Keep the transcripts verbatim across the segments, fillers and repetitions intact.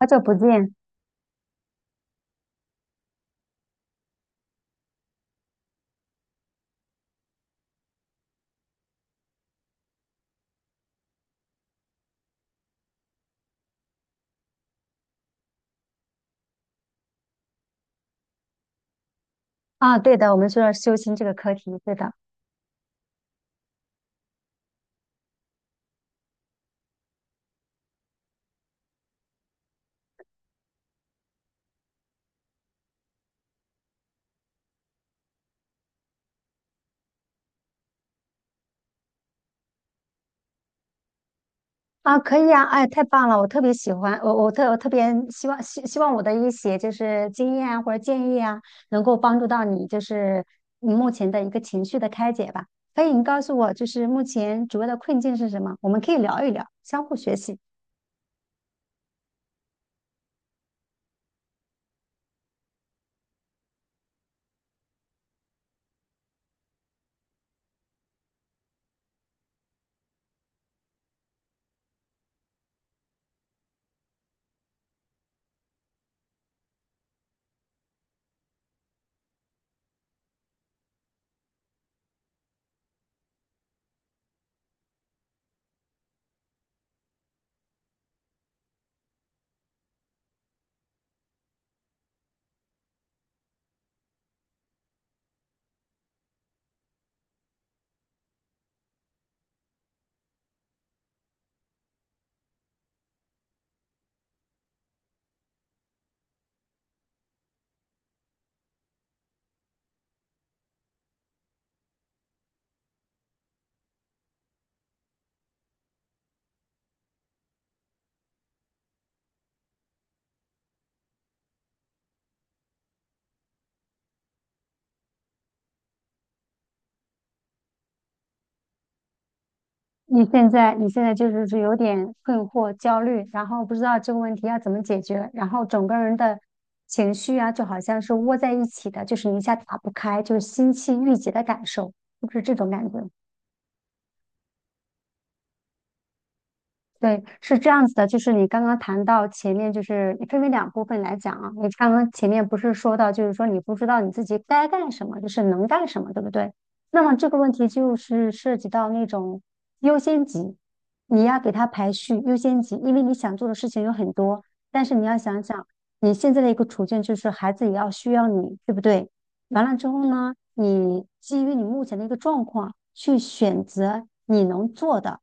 好久不见啊！对的，我们说修心这个课题，对的。啊，可以啊，哎，太棒了，我特别喜欢，我我特我特别希望希希望我的一些就是经验啊或者建议啊，能够帮助到你，就是你目前的一个情绪的开解吧。可以，你告诉我，就是目前主要的困境是什么？我们可以聊一聊，相互学习。你现在你现在就是是有点困惑、焦虑，然后不知道这个问题要怎么解决，然后整个人的情绪啊，就好像是窝在一起的，就是你一下打不开，就是心气郁结的感受，是不是这种感觉。对，是这样子的，就是你刚刚谈到前面，就是分为两部分来讲啊。你刚刚前面不是说到，就是说你不知道你自己该干什么，就是能干什么，对不对？那么这个问题就是涉及到那种优先级，你要给他排序优先级，因为你想做的事情有很多，但是你要想想你现在的一个处境，就是孩子也要需要你，对不对？完了之后呢，你基于你目前的一个状况去选择你能做的，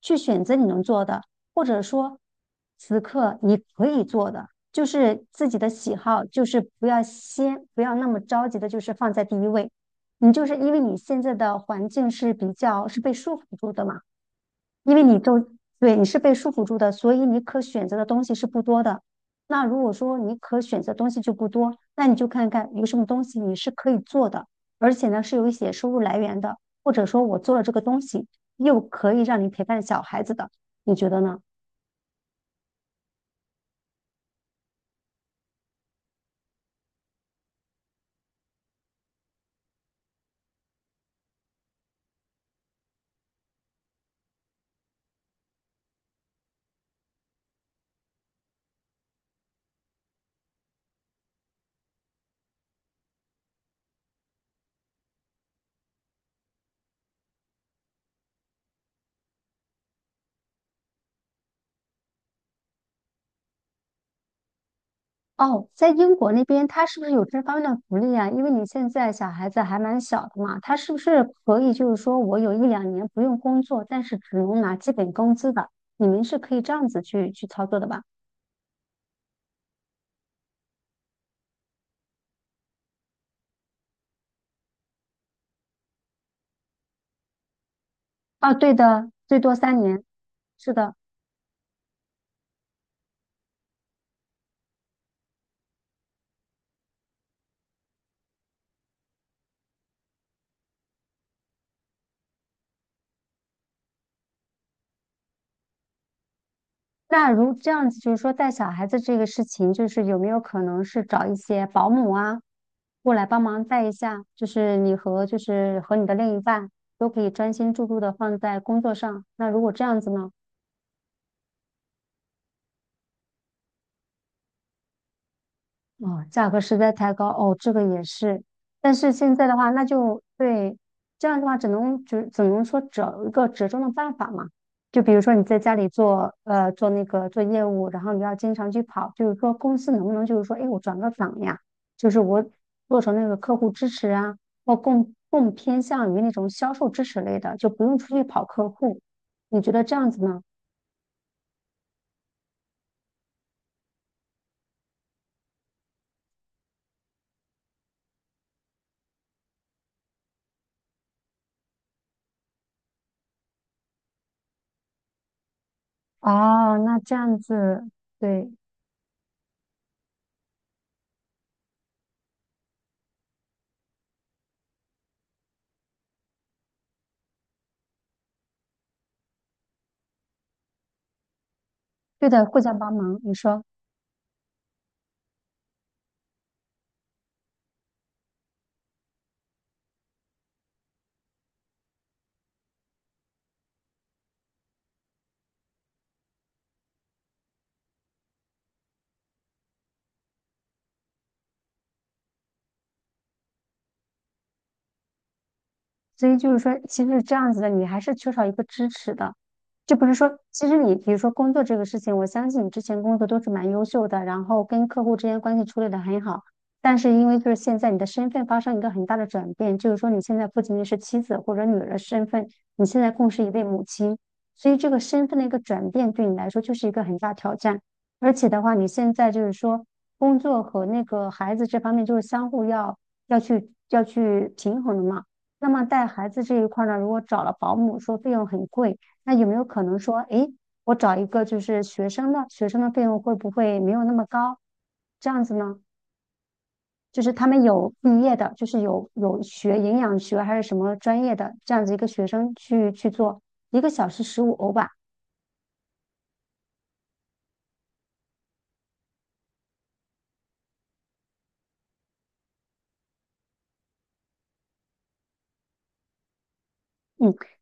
去选择你能做的，或者说此刻你可以做的，就是自己的喜好，就是不要先不要那么着急的，就是放在第一位。你就是因为你现在的环境是比较是被束缚住的嘛。因为你都，对，你是被束缚住的，所以你可选择的东西是不多的。那如果说你可选择东西就不多，那你就看看有什么东西你是可以做的，而且呢是有一些收入来源的，或者说我做了这个东西又可以让你陪伴小孩子的，你觉得呢？哦，在英国那边，他是不是有这方面的福利啊？因为你现在小孩子还蛮小的嘛，他是不是可以就是说我有一两年不用工作，但是只能拿基本工资的？你们是可以这样子去去操作的吧？啊，对的，最多三年。是的，那如这样子，就是说带小孩子这个事情，就是有没有可能是找一些保姆啊，过来帮忙带一下？就是你和就是和你的另一半都可以专心致志的放在工作上。那如果这样子呢？哦，价格实在太高哦，这个也是。但是现在的话，那就对，这样的话只能只只能说找一个折中的办法嘛。就比如说你在家里做呃做那个做业务，然后你要经常去跑，就是说公司能不能就是说，哎，我转个岗呀，就是我做成那个客户支持啊，或更更偏向于那种销售支持类的，就不用出去跑客户。你觉得这样子呢？哦，那这样子，对，对的，互相帮忙。你说。所以就是说，其实这样子的你还是缺少一个支持的，就不是说，其实你比如说工作这个事情，我相信你之前工作都是蛮优秀的，然后跟客户之间关系处理的很好，但是因为就是现在你的身份发生一个很大的转变，就是说你现在不仅仅是妻子或者女儿的身份，你现在更是一位母亲，所以这个身份的一个转变对你来说就是一个很大挑战，而且的话，你现在就是说工作和那个孩子这方面就是相互要要去要去平衡的嘛。那么带孩子这一块儿呢，如果找了保姆，说费用很贵，那有没有可能说，诶，我找一个就是学生的，学生的费用会不会没有那么高？这样子呢，就是他们有毕业的，就是有有学营养学还是什么专业的这样子一个学生去去做，一个小时十五欧吧，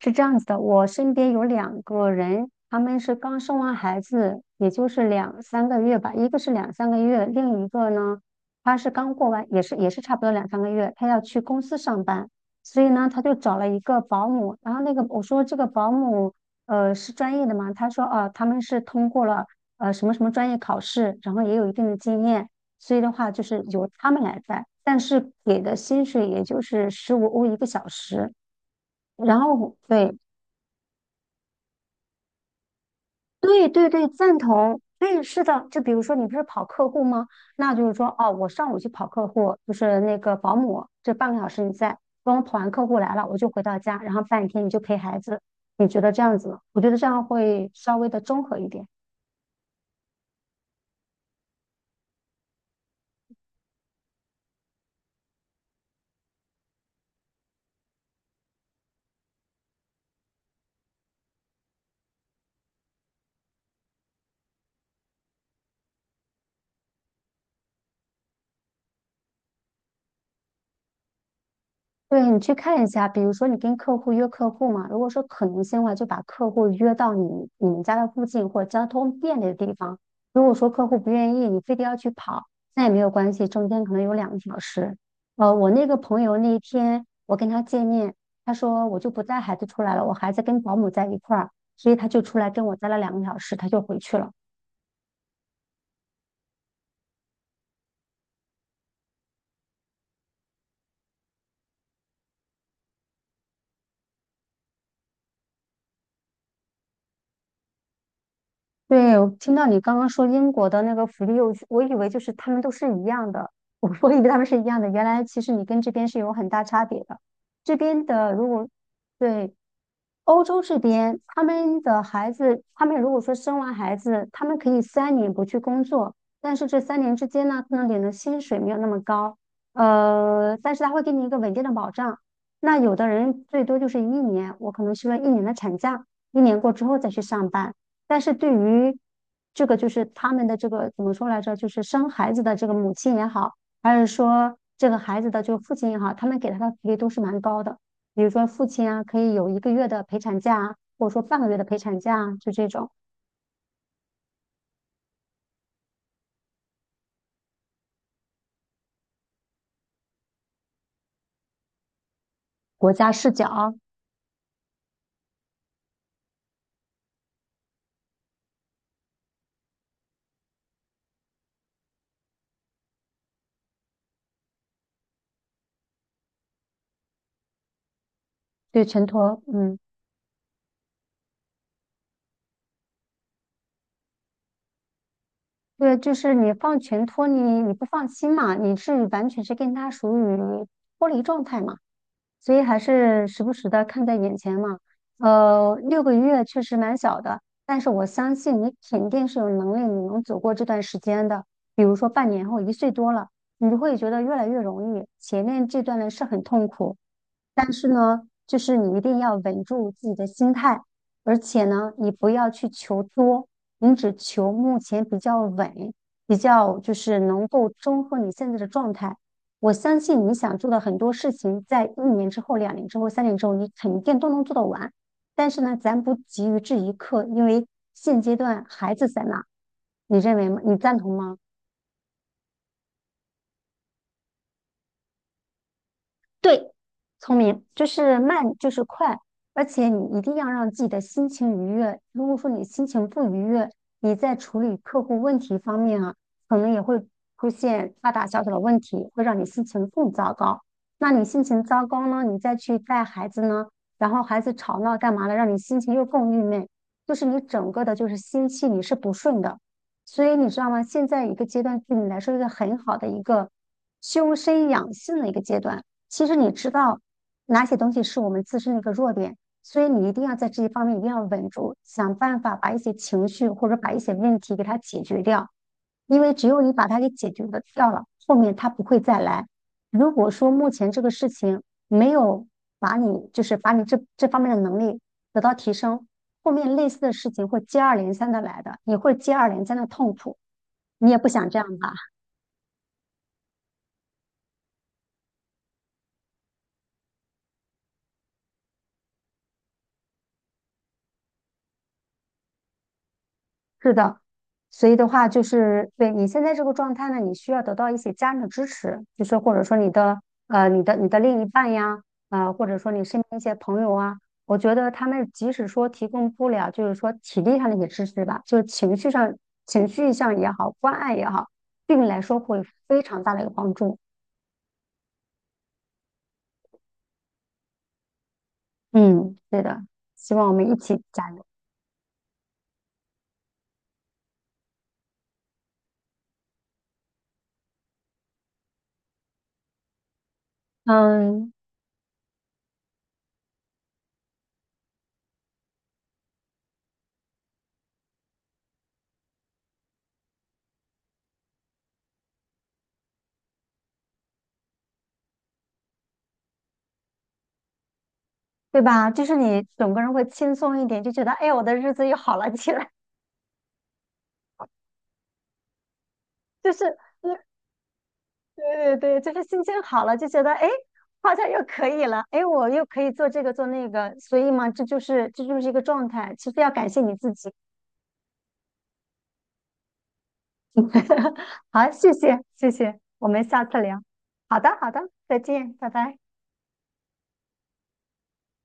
是这样子的，我身边有两个人，他们是刚生完孩子，也就是两三个月吧，一个是两三个月，另一个呢，他是刚过完，也是也是差不多两三个月，他要去公司上班，所以呢，他就找了一个保姆，然后那个我说这个保姆，呃，是专业的嘛？他说哦、啊他们是通过了呃什么什么专业考试，然后也有一定的经验，所以的话就是由他们来带，但是给的薪水也就是十五欧一个小时。然后对，对对对，赞同。对，是的，就比如说你不是跑客户吗？那就是说，哦，我上午去跑客户，就是那个保姆，这半个小时你在，等我跑完客户来了，我就回到家，然后半天你就陪孩子。你觉得这样子吗？我觉得这样会稍微的综合一点。对，你去看一下，比如说你跟客户约客户嘛，如果说可能性的话，就把客户约到你你们家的附近或者交通便利的地方。如果说客户不愿意，你非得要去跑，那也没有关系，中间可能有两个小时。呃，我那个朋友那一天我跟他见面，他说我就不带孩子出来了，我孩子跟保姆在一块儿，所以他就出来跟我待了两个小时，他就回去了。对，我听到你刚刚说英国的那个福利幼，我以为就是他们都是一样的，我我以为他们是一样的，原来其实你跟这边是有很大差别的。这边的如果对，欧洲这边，他们的孩子，他们如果说生完孩子，他们可以三年不去工作，但是这三年之间呢，可能领的薪水没有那么高，呃，但是他会给你一个稳定的保障。那有的人最多就是一年，我可能休了一年的产假，一年过之后再去上班。但是对于这个，就是他们的这个怎么说来着？就是生孩子的这个母亲也好，还是说这个孩子的就父亲也好，他们给他的福利都是蛮高的。比如说父亲啊，可以有一个月的陪产假啊或者说半个月的陪产假啊就这种国家视角啊。对，全托，嗯，对，就是你放全托你你不放心嘛，你是完全是跟他属于脱离状态嘛。所以还是时不时的看在眼前嘛。呃，六个月确实蛮小的，但是我相信你肯定是有能力，你能走过这段时间的。比如说半年后一岁多了，你就会觉得越来越容易，前面这段呢是很痛苦。但是呢，就是你一定要稳住自己的心态，而且呢，你不要去求多，你只求目前比较稳，比较就是能够中和你现在的状态。我相信你想做的很多事情，在一年之后、两年之后、三年之后，你肯定都能做得完。但是呢，咱不急于这一刻，因为现阶段孩子在那，你认为吗？你赞同吗？对，聪明就是慢，就是快，而且你一定要让自己的心情愉悦。如果说你心情不愉悦，你在处理客户问题方面啊，可能也会出现大大小小的问题，会让你心情更糟糕。那你心情糟糕呢，你再去带孩子呢，然后孩子吵闹干嘛的，让你心情又更郁闷，就是你整个的就是心气你是不顺的。所以你知道吗？现在一个阶段对你来说，一个很好的一个修身养性的一个阶段。其实你知道哪些东西是我们自身的一个弱点，所以你一定要在这些方面一定要稳住，想办法把一些情绪或者把一些问题给它解决掉，因为只有你把它给解决的掉了，后面它不会再来。如果说目前这个事情没有把你就是把你这这方面的能力得到提升，后面类似的事情会接二连三的来的，你会接二连三的痛苦，你也不想这样吧？是的，所以的话就是对你现在这个状态呢，你需要得到一些家人的支持，就是或者说你的呃你的你的另一半呀，啊、或者说你身边一些朋友啊，我觉得他们即使说提供不了，就是说体力上的一些支持吧，就是情绪上情绪上也好，关爱也好，对你来说会非常大的一个帮助。嗯，对的，希望我们一起加油。嗯，对吧？就是你整个人会轻松一点，就觉得哎，我的日子又好了起来。就是，对对对，就是心情好了，就觉得哎，诶，好像又可以了，哎，我又可以做这个做那个，所以嘛，这就是这就是一个状态。其实要感谢你自己。好，谢谢，谢谢，我们下次聊。好的，好的，再见，拜拜。